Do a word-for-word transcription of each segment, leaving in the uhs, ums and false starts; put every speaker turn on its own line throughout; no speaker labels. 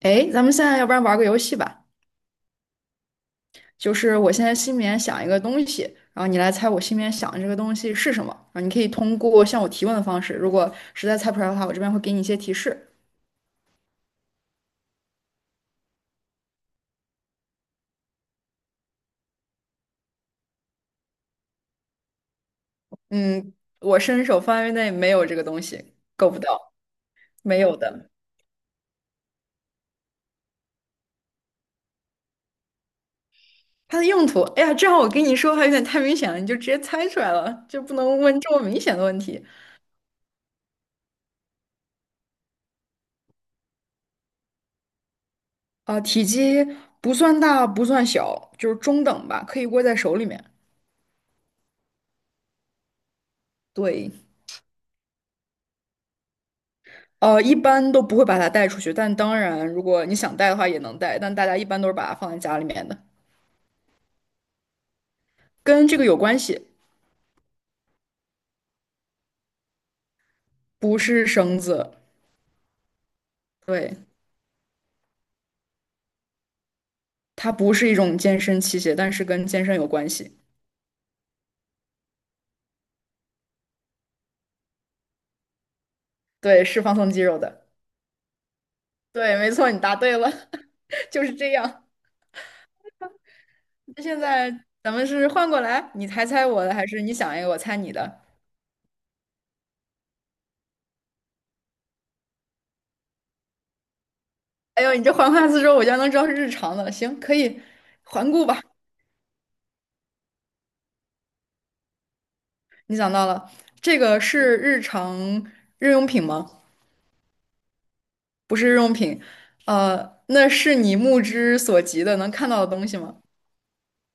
哎，咱们现在要不然玩个游戏吧，就是我现在心里面想一个东西，然后你来猜我心里面想的这个东西是什么。然后你可以通过向我提问的方式，如果实在猜不出来的话，我这边会给你一些提示。嗯，我伸手范围内没有这个东西，够不到，没有的。它的用途，哎呀，正好我跟你说还有点太明显了，你就直接猜出来了，就不能问这么明显的问题。啊、体积不算大，不算小，就是中等吧，可以握在手里面。对。呃，一般都不会把它带出去，但当然，如果你想带的话也能带，但大家一般都是把它放在家里面的，跟这个有关系，不是绳子，对，它不是一种健身器械，但是跟健身有关系，对，是放松肌肉的，对，没错，你答对了，就是这样。那现在咱们是换过来，你猜猜我的，还是你想一个我猜你的？哎呦，你这环环四周，我就能知道是日常的，行，可以环顾吧。你想到了，这个是日常日用品吗？不是日用品，呃，那是你目之所及的能看到的东西吗？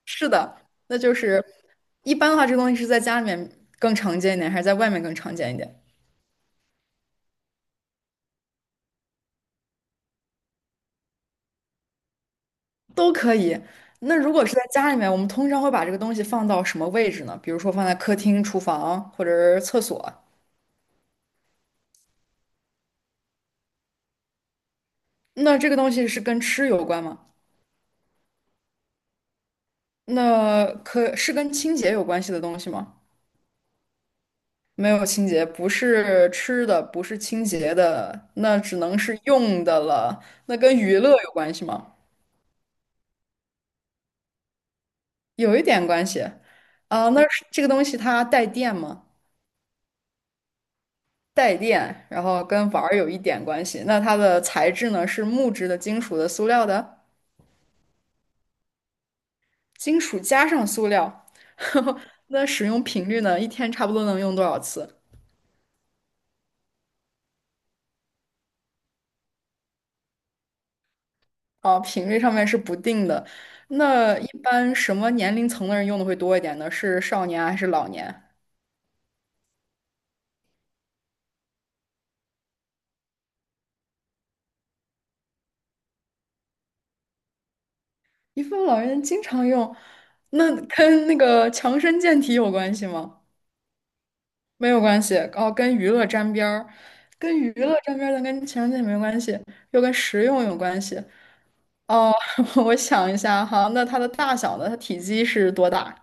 是的，那就是一般的话，这个东西是在家里面更常见一点，还是在外面更常见一点？都可以。那如果是在家里面，我们通常会把这个东西放到什么位置呢？比如说放在客厅、厨房或者是厕所。那这个东西是跟吃有关吗？那可是跟清洁有关系的东西吗？没有清洁，不是吃的，不是清洁的，那只能是用的了。那跟娱乐有关系吗？有一点关系。啊、那是这个东西它带电吗？带电，然后跟玩儿有一点关系。那它的材质呢？是木质的、金属的、塑料的？金属加上塑料。那使用频率呢？一天差不多能用多少次？啊，频率上面是不定的。那一般什么年龄层的人用的会多一点呢？是少年还是老年？遗腹老人经常用，那跟那个强身健体有关系吗？没有关系，哦，跟娱乐沾边儿，跟娱乐沾边儿，但跟强身健体没关系，又跟实用有关系。哦，我想一下哈，那它的大小呢？它体积是多大？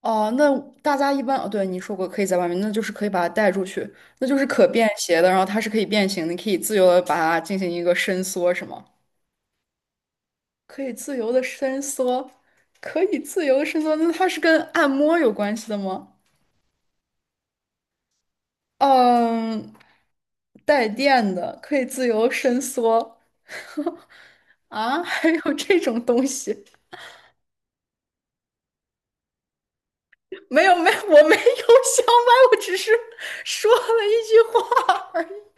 哦，那大家一般哦，对，你说过可以在外面，那就是可以把它带出去，那就是可便携的，然后它是可以变形的，你可以自由的把它进行一个伸缩，是吗？可以自由的伸缩，可以自由地伸缩，那它是跟按摩有关系的吗？嗯，带电的，可以自由伸缩。啊，还有这种东西？没有，没有，我没有想买，我只是说了一句话而已。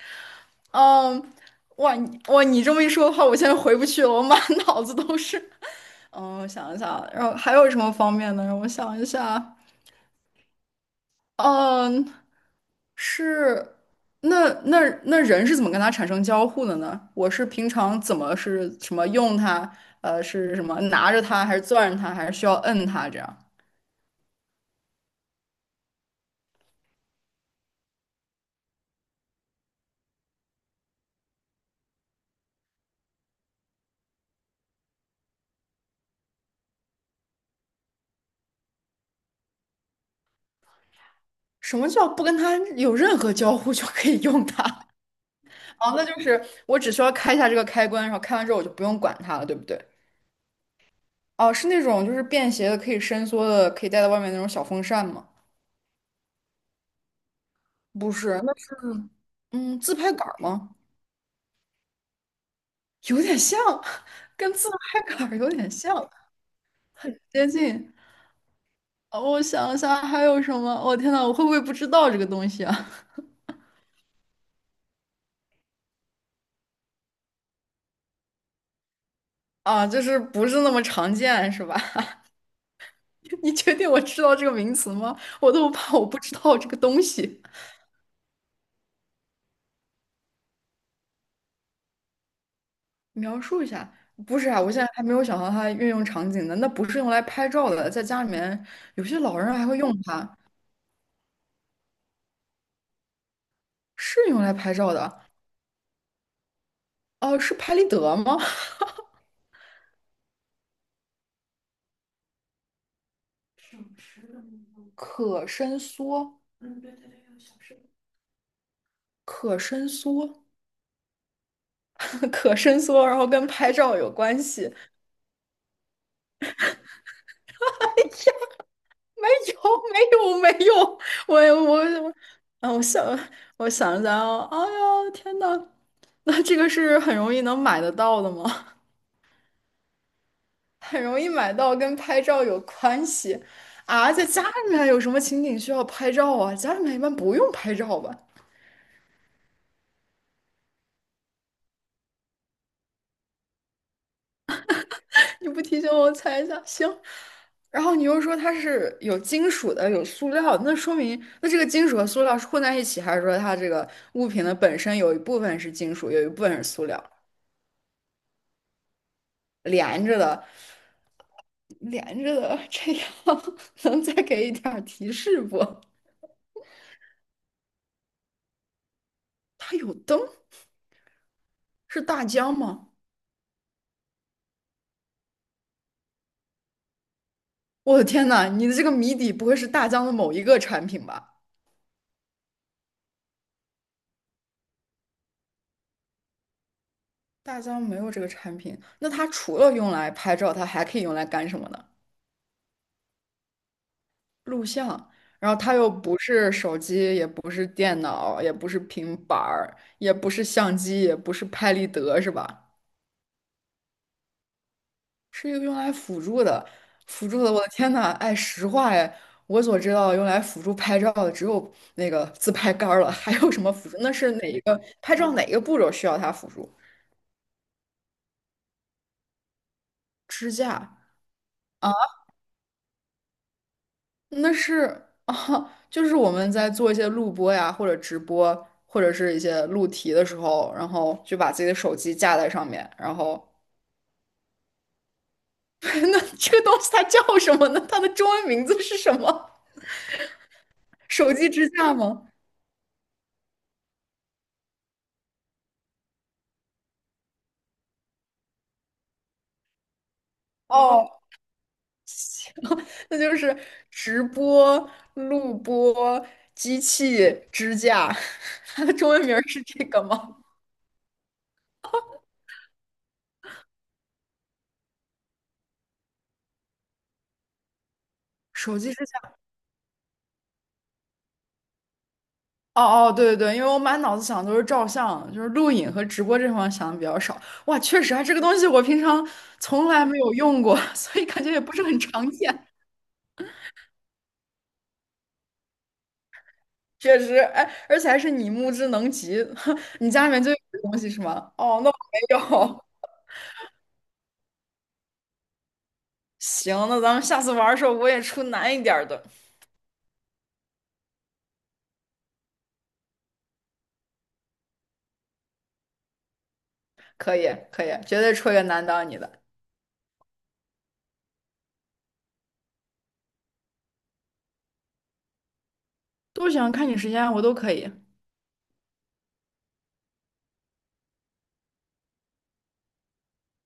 嗯，哇，你哇，你这么一说的话，我现在回不去了，我满脑子都是。嗯，我想一下，然后还有什么方面呢？让我想一下。嗯，是，那那那人是怎么跟它产生交互的呢？我是平常怎么是什么用它？呃，是什么拿着它，还是攥着它，还是需要摁它这样？什么叫不跟它有任何交互就可以用它？哦，那就是我只需要开一下这个开关，然后开完之后我就不用管它了，对不对？哦，是那种就是便携的，可以伸缩的，可以带到外面那种小风扇吗？不是，那是嗯自拍杆儿吗？有点像，跟自拍杆儿有点像，接近。呃我想一下还有什么？我、天呐，我会不会不知道这个东西啊？啊，就是不是那么常见，是吧？你确定我知道这个名词吗？我都怕我不知道这个东西。描述一下，不是啊，我现在还没有想到它运用场景呢。那不是用来拍照的，在家里面有些老人还会用它，是用来拍照的。哦、是拍立得吗？省时的那种可伸缩，嗯，对对对，有小时的可伸缩，可伸缩，然后跟拍照有关系？没有，没有，没有，我我我，啊，我想，我想想啊，哎呀，天呐，那这个是很容易能买得到的吗？很容易买到，跟拍照有关系啊？在家里面有什么情景需要拍照啊？家里面一般不用拍照吧？你不提醒我，我猜一下，行。然后你又说它是有金属的，有塑料的那说明那这个金属和塑料是混在一起，还是说它这个物品的本身有一部分是金属，有一部分是塑料，连着的，连着的，这样 能再给一点儿提示不？它有灯，是大疆吗？我的天呐，你的这个谜底不会是大疆的某一个产品吧？大疆没有这个产品，那它除了用来拍照，它还可以用来干什么呢？录像，然后它又不是手机，也不是电脑，也不是平板儿，也不是相机，也不是拍立得，是吧？是一个用来辅助的，辅助的。我的天呐，哎，实话哎，我所知道用来辅助拍照的只有那个自拍杆儿了，还有什么辅助？那是哪一个拍照哪一个步骤需要它辅助？支架。啊。那是啊，就是我们在做一些录播呀，或者直播，或者是一些录题的时候，然后就把自己的手机架在上面，然后 那这个东西它叫什么呢？它的中文名字是什么？手机支架吗？哦，那就是直播、录播、机器支架，它的中文名儿是这个吗？手机支架哦哦，对对对，因为我满脑子想的都是照相，就是录影和直播这方面想的比较少。哇，确实啊，这个东西我平常从来没有用过，所以感觉也不是很常见。确实，哎，而且还是你目之能及，你家里面就有这东西是吗？哦，那我没有。行，那咱们下次玩的时候我也出难一点儿的，可以可以，绝对出一个难到你的。都行看你时间啊，我都可以。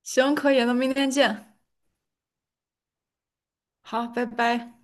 行，可以，那明天见。好，拜拜。